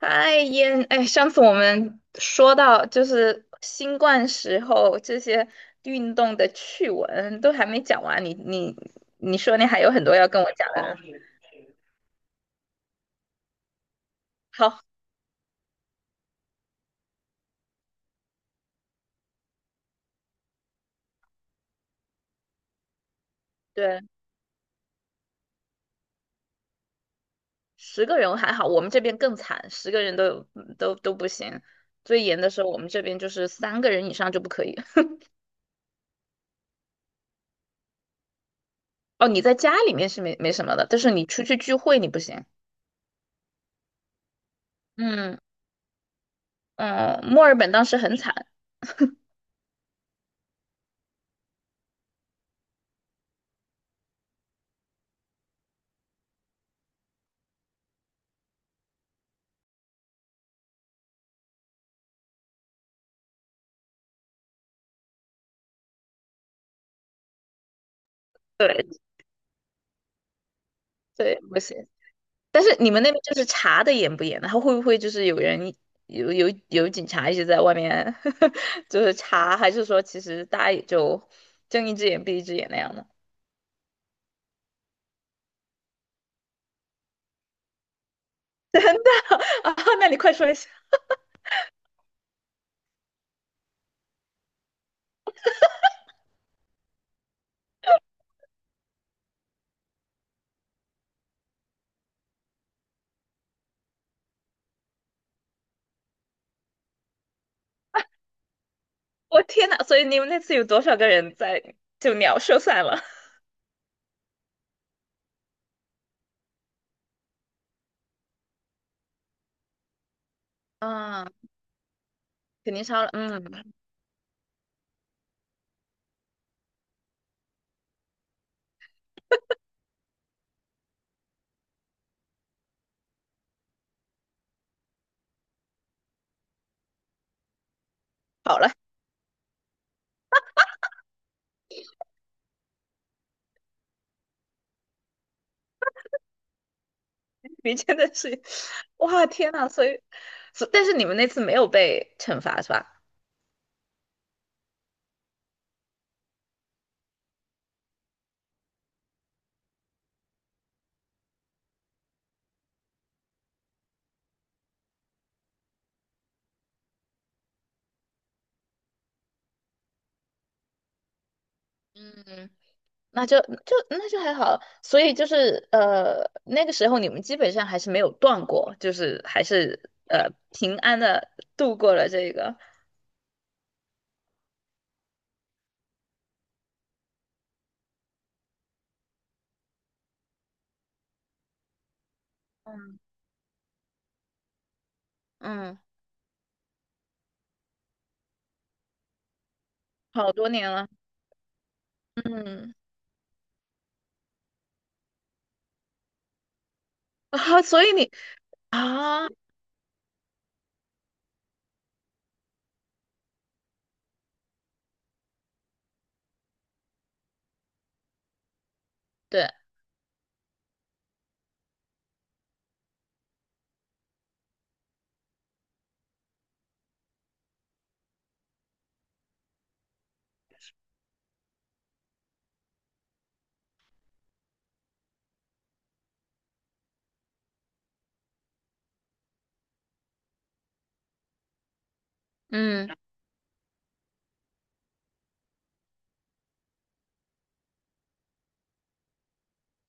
嗨，烟，哎，上次我们说到就是新冠时候这些运动的趣闻都还没讲完，你说你还有很多要跟我讲的呢。好，对，十个人还好，我们这边更惨，十个人都有都不行。最严的时候，我们这边就是三个人以上就不可以。哦，你在家里面是没什么的，但是你出去聚会你不行。嗯嗯，墨尔本当时很惨，对对，不行。但是你们那边就是查的严不严呢？他会不会就是有人有警察一直在外面 就是查，还是说其实大家也就睁一只眼闭一只眼那样的？啊，那你快说一下。我天呐，所以你们那次有多少个人在就鸟兽散了？啊，肯定烧了。嗯，好了，你真的是，哇，天呐，所以，所但是你们那次没有被惩罚是吧？嗯那就就那就还好，所以就是那个时候你们基本上还是没有断过，就是还是平安的度过了这个，嗯，嗯，好多年了，嗯啊，所以你啊，对，嗯，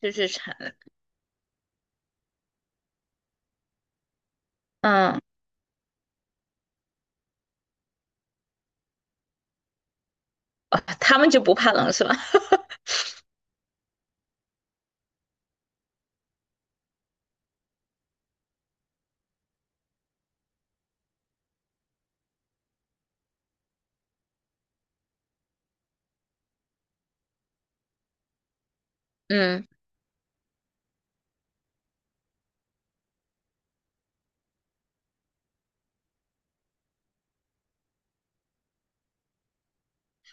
就是产，嗯啊，他们就不怕冷是吧？嗯，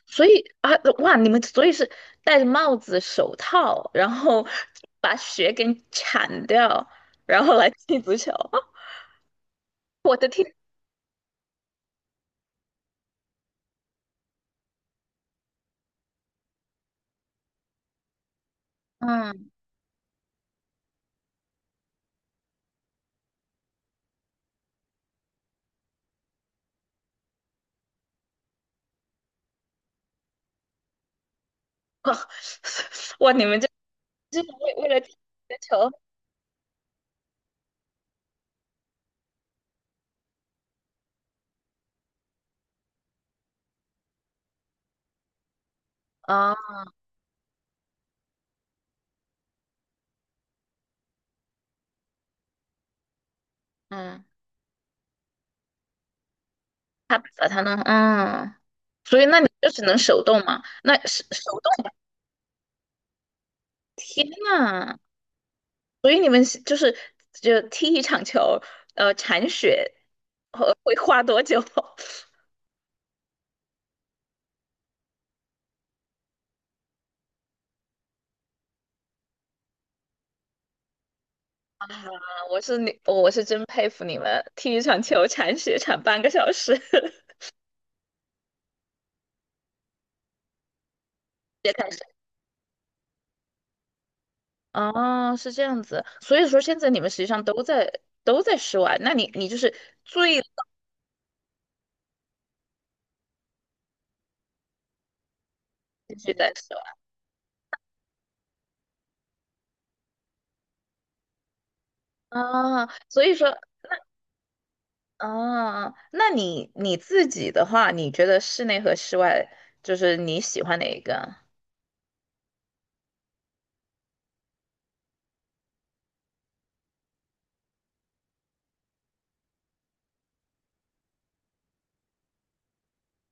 所以啊，哇，你们所以是戴着帽子、手套，然后把雪给铲掉，然后来踢足球，我的天，嗯。哇，你们这这是为了踢足球啊？嗯，他把他弄，嗯，所以那你就只能手动嘛？那手动，天呐！所以你们是就是就踢一场球，呃，铲雪会花多久？啊，我是你，我是真佩服你们，踢一场球铲雪铲半个小时。别开始。哦，是这样子，所以说现在你们实际上都在室外，那你你就是最了就在室外。啊，所以说，啊，那你你自己的话，你觉得室内和室外，就是你喜欢哪一个？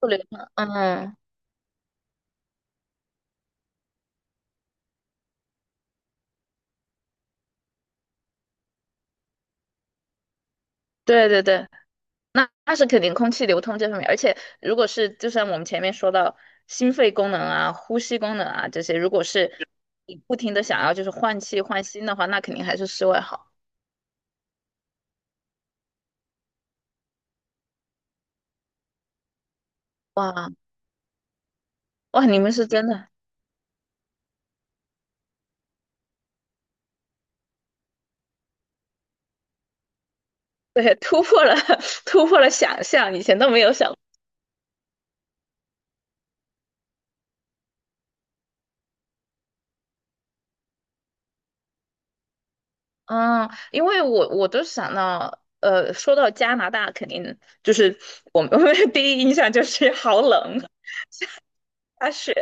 不流通，嗯，对对对，那那是肯定空气流通这方面，而且如果是就像我们前面说到心肺功能啊、呼吸功能啊这些，如果是你不停的想要就是换气换新的话，那肯定还是室外好。哇哇，你们是真的，对，突破了 突破了想象，以前都没有想。嗯，因为我都想到，说到加拿大，肯定就是我们 我们的 第一印象就是好冷，大雪，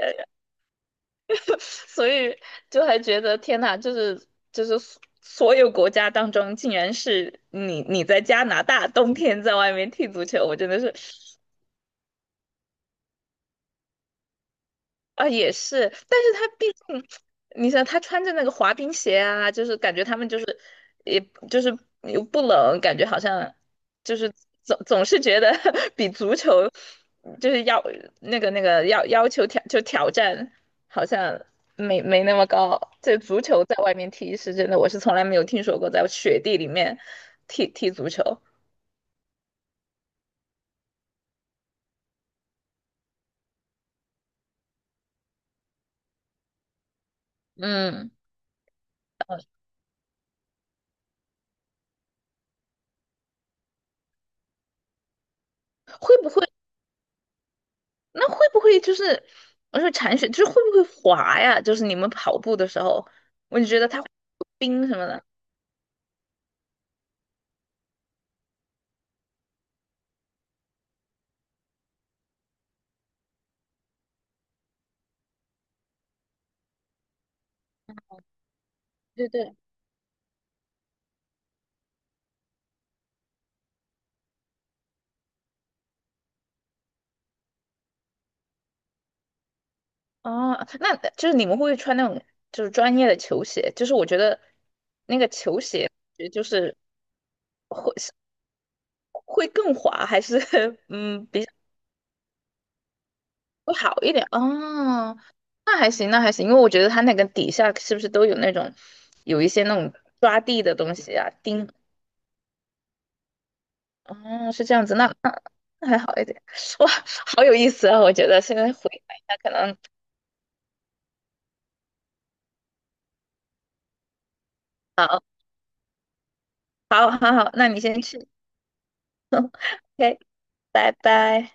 所以就还觉得天呐，就是所有国家当中，竟然是你你在加拿大冬天在外面踢足球，我真的是。啊，也是，但是他毕竟，你想他穿着那个滑冰鞋啊，就是感觉他们就是，也就是又不冷，感觉好像就是总是觉得 比足球就是要那个要求挑就挑战好像没那么高。这足球在外面踢是真的，我是从来没有听说过在雪地里面踢足球。嗯，会不会？那会不会就是，我说铲雪就是会不会滑呀？就是你们跑步的时候，我就觉得它会有冰什么的。对对。哦，那就是你们会不会穿那种就是专业的球鞋？就是我觉得那个球鞋就是会更滑，还是 嗯比较会好一点？哦，那还行，那还行，因为我觉得它那个底下是不是都有那种有一些那种抓地的东西啊，钉哦，是这样子，那那那还好一点。哇，好有意思啊！我觉得现在回想一下，可能好，好，好，好，那你先去，OK，拜拜。